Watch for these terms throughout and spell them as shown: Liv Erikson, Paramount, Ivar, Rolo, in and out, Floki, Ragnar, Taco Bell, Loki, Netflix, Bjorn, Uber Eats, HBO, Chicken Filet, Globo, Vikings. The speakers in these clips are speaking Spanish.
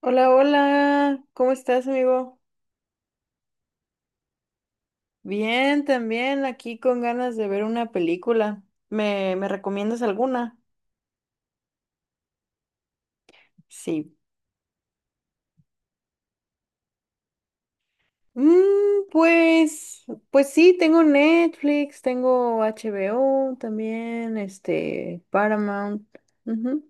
Hola, hola, ¿cómo estás, amigo? Bien, también aquí con ganas de ver una película. ¿¿Me recomiendas alguna? Sí. Mm, pues, pues sí, tengo Netflix, tengo HBO también, este, Paramount. Ujú.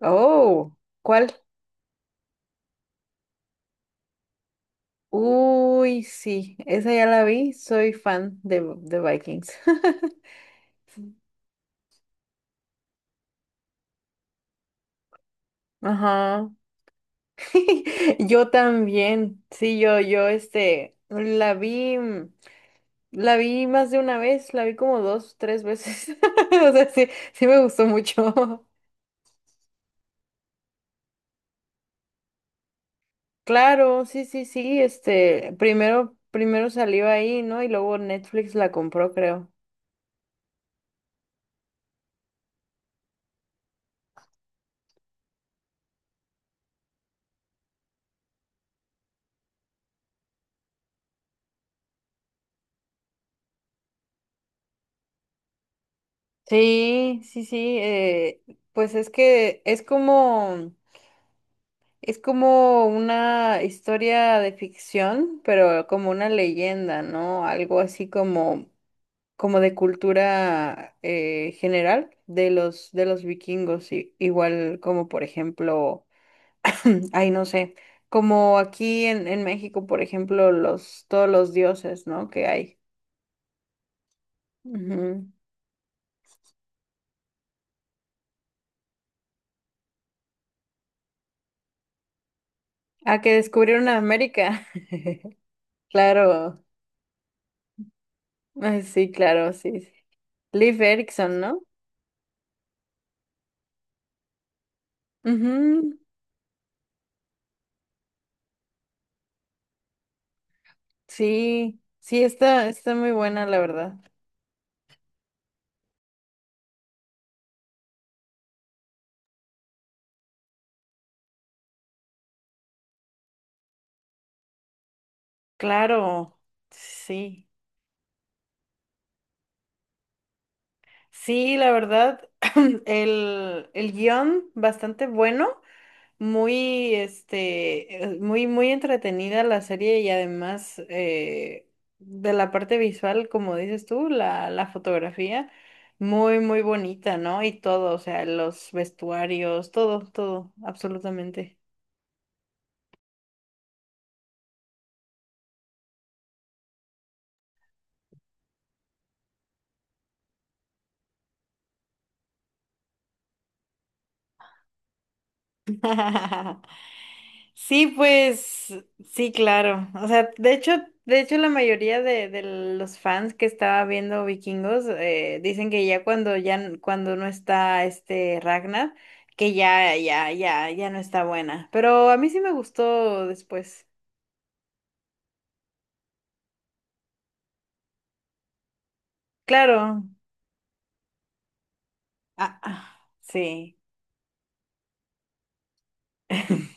Oh, ¿cuál? Uy, sí, esa ya la vi, soy fan de Vikings. Ajá. Yo también, sí, la vi, la vi más de una vez, la vi como dos, tres veces, o sea, sí, sí me gustó mucho. Claro, sí, sí, sí, primero salió ahí, ¿no? Y luego Netflix la compró, creo. Sí, sí, sí, pues es que es como, una historia de ficción, pero como una leyenda, ¿no? Algo así como de cultura general de los vikingos, igual como por ejemplo, ay, no sé, como aquí en México, por ejemplo, todos los dioses, ¿no? que hay. Ujú. Ah, que descubrieron América. Claro, ah, sí, claro, sí, sí. Liv Erikson, ¿no? Ujú. Sí, sí, está muy buena, la verdad. Claro, sí. Sí, la verdad, el guión bastante bueno, muy, muy, muy entretenida la serie y además de la parte visual, como dices tú, la fotografía, muy, muy bonita, ¿no? Y todo, o sea, los vestuarios, todo, todo, absolutamente. Sí, pues sí, claro. O sea, de hecho la mayoría de los fans que estaba viendo Vikingos dicen que ya cuando cuando no está este Ragnar, que ya ya ya ya no está buena. Pero a mí sí me gustó después. Claro. Ah, ah, sí.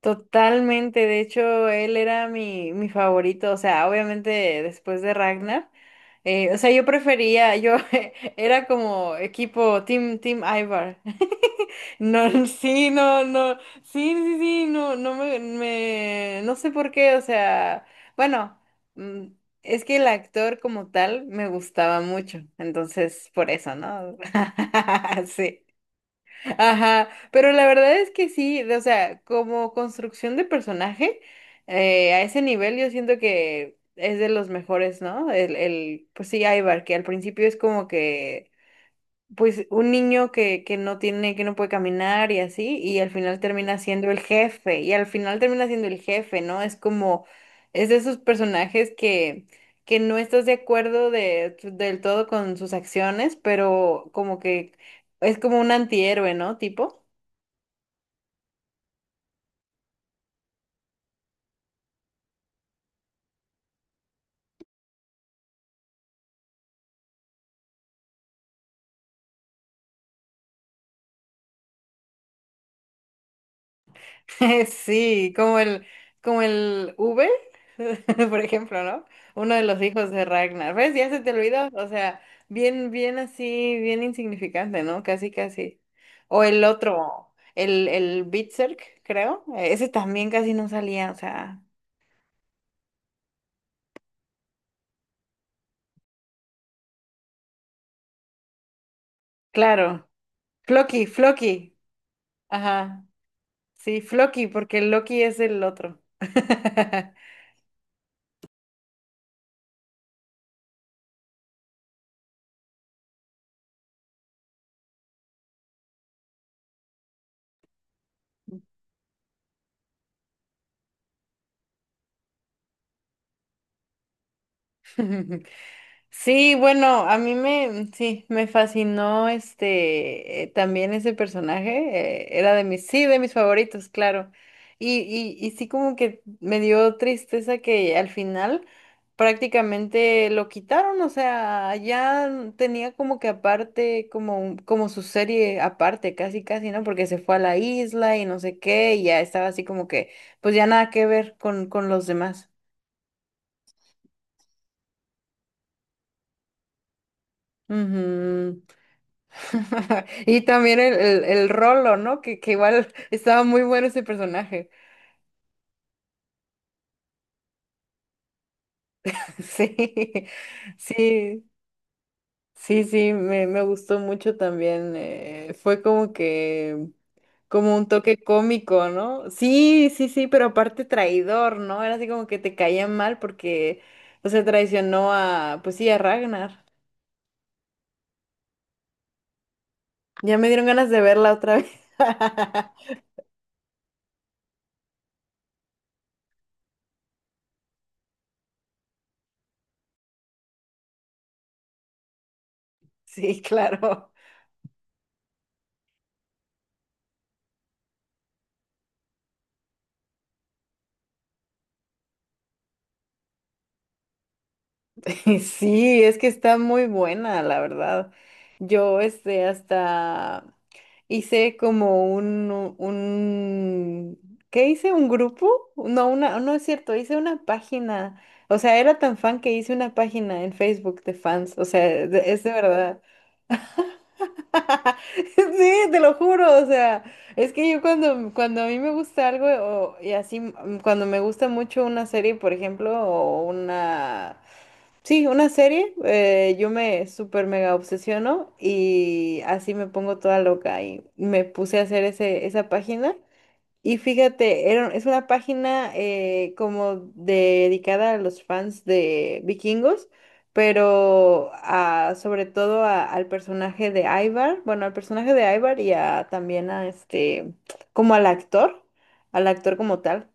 Totalmente, de hecho, él era mi favorito, o sea, obviamente después de Ragnar, o sea, yo era como equipo Team Ivar. No, sí, no, no, sí, sí, sí, no, no no sé por qué, o sea, bueno, mm, es que el actor como tal me gustaba mucho, entonces por eso, ¿no? Sí. Ajá, pero la verdad es que sí, o sea, como construcción de personaje, a ese nivel yo siento que es de los mejores, ¿no? Pues sí, Ivar, que al principio es como que, pues un niño que no tiene, que no puede caminar y así, y al final termina siendo el jefe, y al final termina siendo el jefe, ¿no? Es de esos personajes que no estás de acuerdo del todo con sus acciones, pero como que es como un antihéroe, ¿no? Tipo. Sí, como el V, por ejemplo, ¿no? Uno de los hijos de Ragnar. ¿Ves? Ya se te olvidó. O sea, bien, bien así, bien insignificante, ¿no? Casi, casi. O el otro, el Berserk, creo. Ese también casi no salía, o sea, claro. Floki, Floki. Ajá. Sí, Floki, porque Loki es el otro. Sí, bueno, a mí me, sí, me fascinó también ese personaje, era de mis, sí, de mis favoritos, claro. Y sí como que me dio tristeza que al final prácticamente lo quitaron, o sea, ya tenía como que aparte, como, como su serie aparte, casi, casi, ¿no? Porque se fue a la isla y no sé qué, y ya estaba así como que, pues ya nada que ver con los demás. Ujú. Y también el Rolo, ¿no? Que igual estaba muy bueno ese personaje. Sí, sí, sí, sí, me gustó mucho también. Fue como que, como un toque cómico, ¿no? Sí, sí, sí, pero aparte traidor, ¿no? Era así como que te caía mal porque, o sea, traicionó a, pues sí, a Ragnar. Ya me dieron ganas de verla otra vez. Sí, claro. Sí, es que está muy buena, la verdad. Yo, hasta hice como ¿qué hice? ¿Un grupo? No, una, no es cierto, hice una página. O sea, era tan fan que hice una página en Facebook de fans. O sea, es de verdad. Sí, te lo juro. O sea, es que yo cuando a mí me gusta algo y así, cuando me gusta mucho una serie, por ejemplo, o una sí, una serie, yo me súper mega obsesiono y así me pongo toda loca y me puse a hacer esa página. Y fíjate, era, es una página como dedicada a los fans de Vikingos, pero sobre todo al personaje de Ivar, bueno, al personaje de Ivar y a, también a este, como al actor, como tal.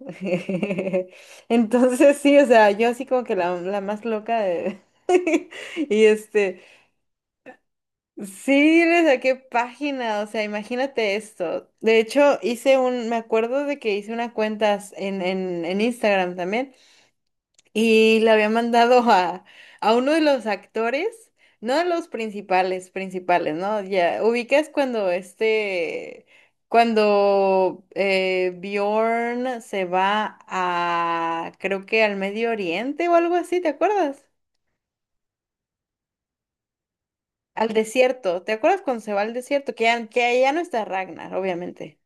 Entonces sí, o sea, yo así como que la más loca y sí, le saqué página, o sea, imagínate esto. De hecho, hice me acuerdo de que hice una cuenta en Instagram también y la había mandado a uno de los actores, no a los principales, principales, ¿no? Ya, ubicas cuando Bjorn se va a, creo que al Medio Oriente o algo así, ¿te acuerdas? Al desierto, ¿te acuerdas cuando se va al desierto? Que ya no está Ragnar, obviamente.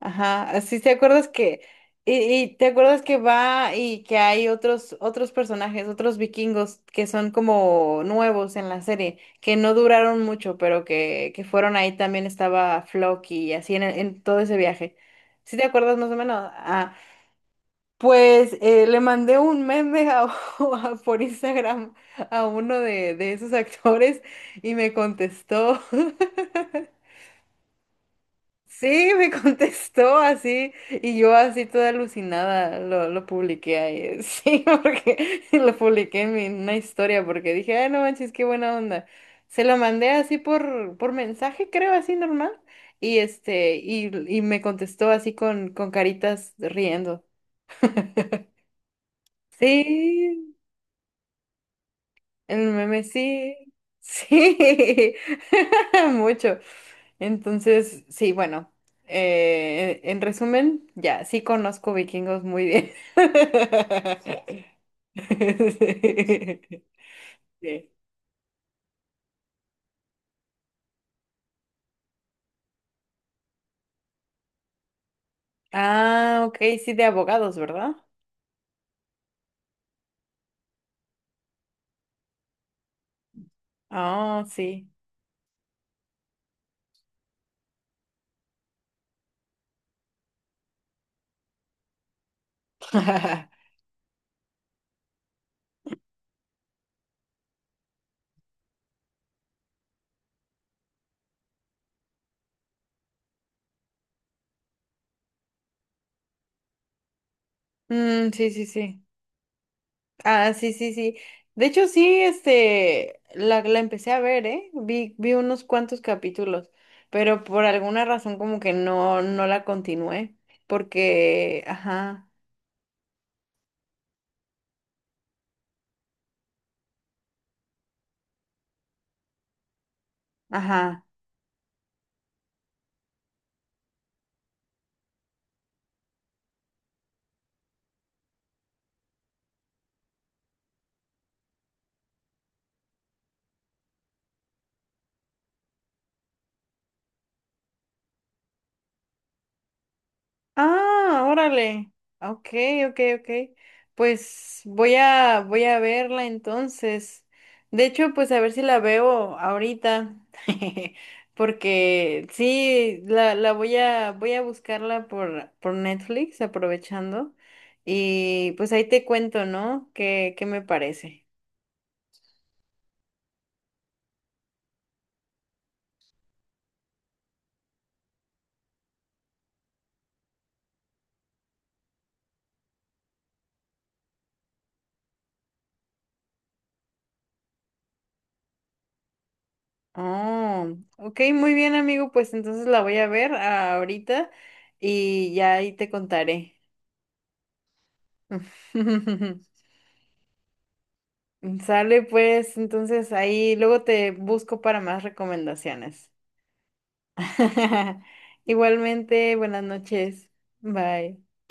Ajá, así te acuerdas que, y, y te acuerdas que va y que hay otros personajes, otros vikingos que son como nuevos en la serie, que no duraron mucho, pero que fueron ahí también estaba Floki y así en todo ese viaje. ¿Sí te acuerdas más o menos? Ah, pues le mandé un meme por Instagram a uno de esos actores y me contestó. Sí, me contestó así y yo así toda alucinada lo publiqué ahí. Sí, porque lo publiqué en en una historia porque dije, ay, no manches, qué buena onda. Se lo mandé así por mensaje, creo, así normal. Y este, y, y me contestó así con caritas riendo. Sí. El meme sí, sí, mucho. Entonces, sí, bueno, en resumen, ya, sí conozco vikingos muy bien. Sí. Ah, ok, sí, de abogados, ¿verdad? Ah, sí. Mm, sí, sí, sí. Ah, sí, sí, sí. De hecho, sí, la empecé a ver, ¿eh? Vi unos cuantos capítulos, pero por alguna razón como que no la continué, porque, ajá, ajá. Ah, órale. Ok, ok, ok. Pues voy a verla entonces. De hecho, pues a ver si la veo ahorita. Porque sí, la voy a buscarla por Netflix, aprovechando. Y pues ahí te cuento, ¿no? ¿Qué me parece? Oh, ok, muy bien, amigo. Pues entonces la voy a ver ahorita y ya ahí te contaré. Sale pues, entonces ahí luego te busco para más recomendaciones. Igualmente, buenas noches. Bye.